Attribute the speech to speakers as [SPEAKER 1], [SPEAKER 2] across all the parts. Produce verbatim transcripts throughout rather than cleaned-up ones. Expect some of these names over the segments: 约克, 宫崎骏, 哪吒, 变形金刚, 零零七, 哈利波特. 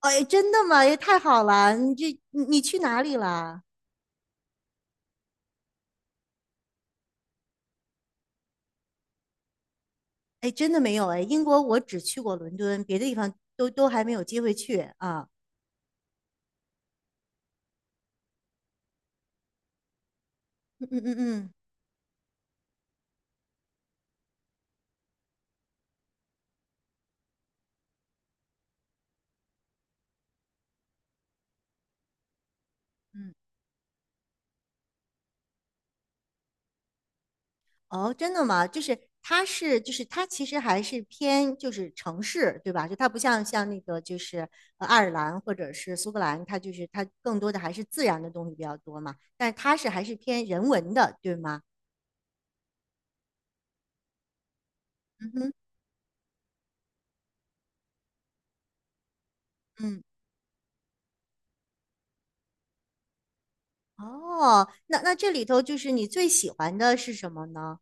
[SPEAKER 1] 哎，真的吗？也太好了！你这你你去哪里了？哎，真的没有哎，英国我只去过伦敦，别的地方都都还没有机会去啊。嗯嗯嗯嗯嗯，哦，真的吗？就是它是就是它其实还是偏就是城市对吧？就它不像像那个就是呃爱尔兰或者是苏格兰，它就是它更多的还是自然的东西比较多嘛。但是它是还是偏人文的对吗？嗯哼嗯，哦，那那这里头就是你最喜欢的是什么呢？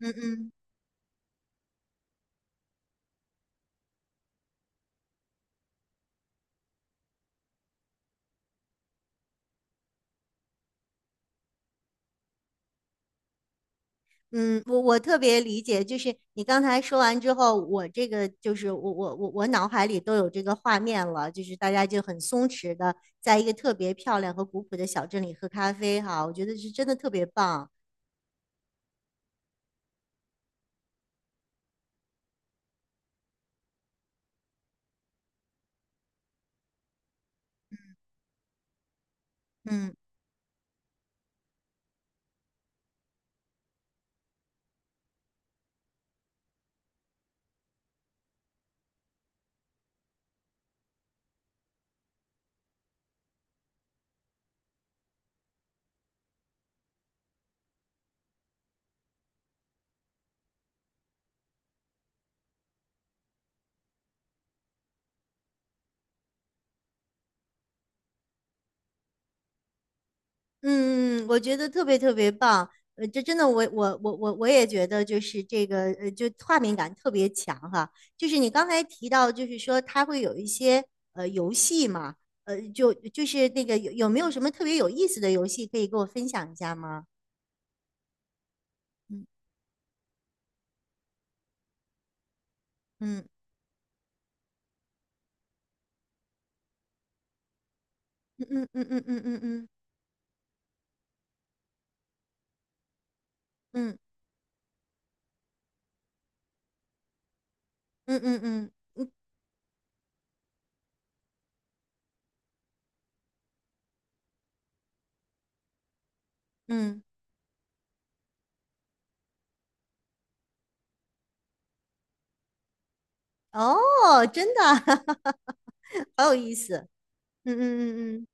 [SPEAKER 1] 嗯嗯嗯，我我特别理解，就是你刚才说完之后，我这个就是我我我我脑海里都有这个画面了，就是大家就很松弛的，在一个特别漂亮和古朴的小镇里喝咖啡哈，我觉得是真的特别棒。嗯。嗯，嗯嗯我觉得特别特别棒，呃，这真的我，我我我我也觉得就是这个，呃，就画面感特别强哈。就是你刚才提到，就是说他会有一些呃游戏嘛，呃，就就是那个有有没有什么特别有意思的游戏可以给我分享一下吗？嗯嗯嗯嗯嗯嗯嗯嗯嗯嗯嗯嗯嗯，哦，真的，好有意思。嗯嗯嗯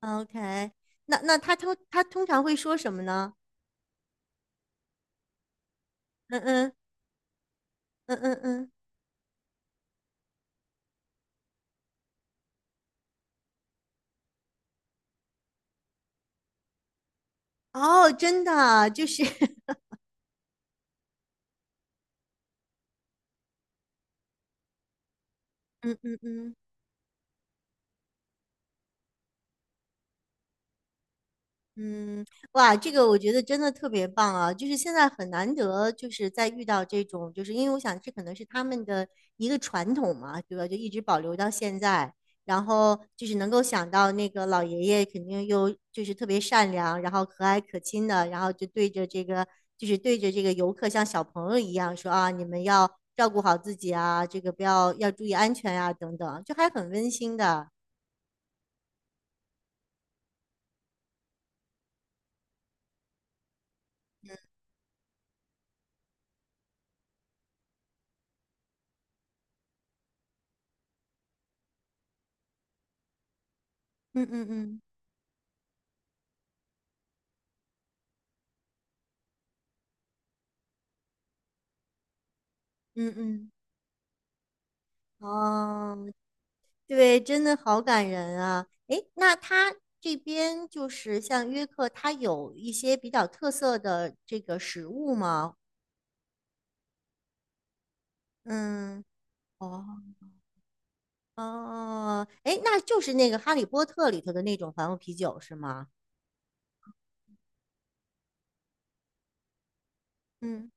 [SPEAKER 1] 嗯，OK，那那他通他通常会说什么呢？嗯嗯嗯嗯嗯。哦，真的啊就是，嗯嗯嗯嗯，哇，这个我觉得真的特别棒啊！就是现在很难得，就是在遇到这种，就是因为我想这可能是他们的一个传统嘛，对吧？就一直保留到现在，然后就是能够想到那个老爷爷肯定又就是特别善良，然后和蔼可亲的，然后就对着这个就是对着这个游客像小朋友一样说啊，你们要照顾好自己啊，这个不要要注意安全啊，等等，就还很温馨的。嗯嗯嗯。嗯嗯，哦，对，真的好感人啊！诶，那他这边就是像约克，他有一些比较特色的这个食物吗？嗯，哦哦，诶，那就是那个《哈利波特》里头的那种黄油啤酒是吗？嗯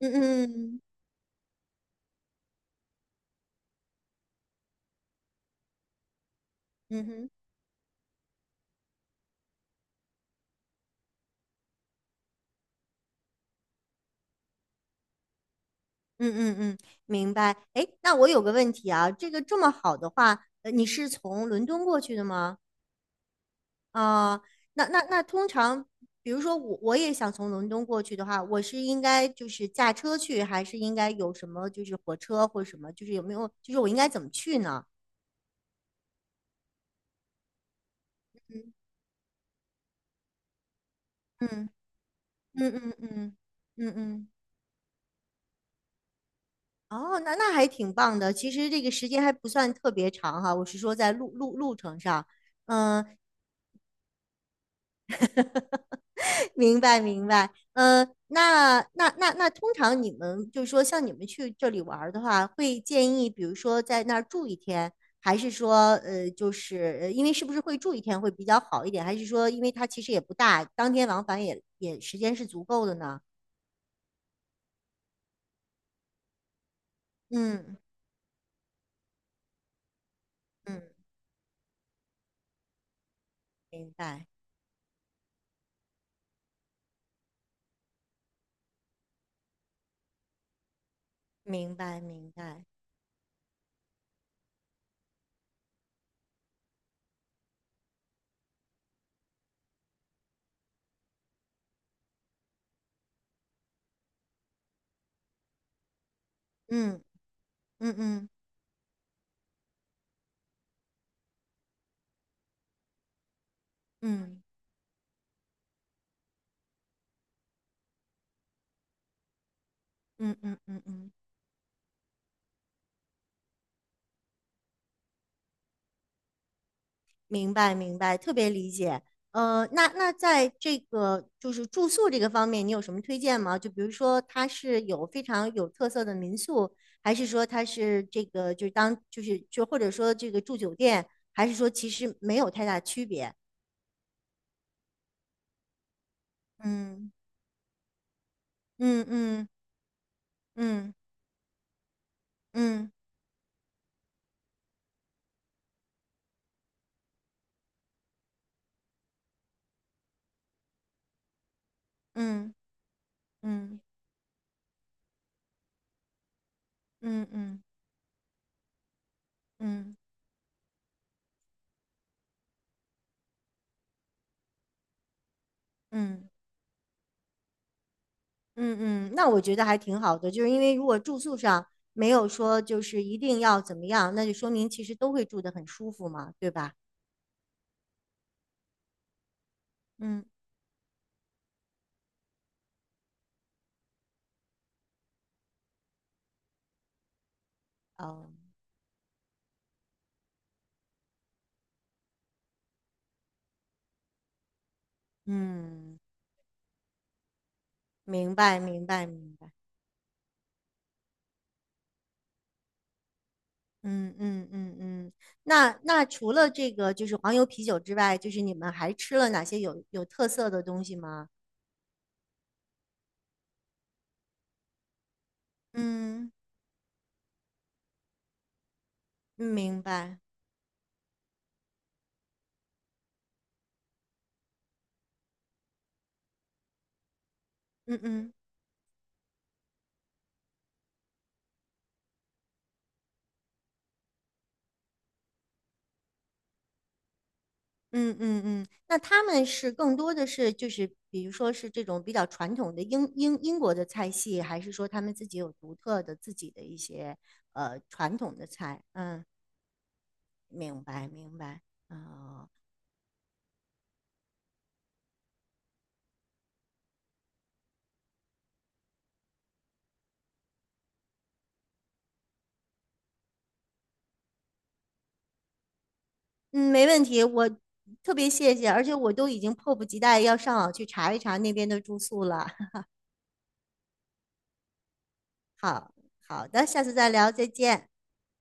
[SPEAKER 1] 嗯嗯嗯哼嗯嗯嗯，明白。诶，那我有个问题啊，这个这么好的话，呃，你是从伦敦过去的吗？啊、那那那通常，比如说我我也想从伦敦过去的话，我是应该就是驾车去，还是应该有什么就是火车或什么，就是有没有，就是我应该怎么去呢？嗯嗯嗯嗯嗯嗯，哦，那那还挺棒的。其实这个时间还不算特别长哈，我是说在路路路程上，嗯、明白明白，呃，那那那那，通常你们就是说，像你们去这里玩儿的话，会建议，比如说在那儿住一天，还是说，呃，就是呃因为是不是会住一天会比较好一点，还是说，因为它其实也不大，当天往返也也时间是足够的呢？嗯嗯，明白明白明白，嗯嗯嗯嗯嗯嗯嗯嗯嗯。嗯嗯明白明白，特别理解。呃，那那在这个就是住宿这个方面，你有什么推荐吗？就比如说它是有非常有特色的民宿，还是说它是这个就是当就是就或者说这个住酒店，还是说其实没有太大区别？嗯嗯嗯嗯嗯嗯嗯嗯嗯嗯嗯嗯嗯。嗯嗯，那我觉得还挺好的，就是因为如果住宿上没有说就是一定要怎么样，那就说明其实都会住得很舒服嘛，对吧？嗯，哦，嗯，明白明白明白，嗯嗯嗯嗯，那那除了这个就是黄油啤酒之外，就是你们还吃了哪些有有特色的东西吗？嗯，明白，嗯嗯。嗯嗯嗯，那他们是更多的是就是比如说是这种比较传统的英英英国的菜系，还是说他们自己有独特的自己的一些呃传统的菜？嗯，明白明白。哦，嗯，没问题，我特别谢谢，而且我都已经迫不及待要上网去查一查那边的住宿了。好好的，下次再聊，再见。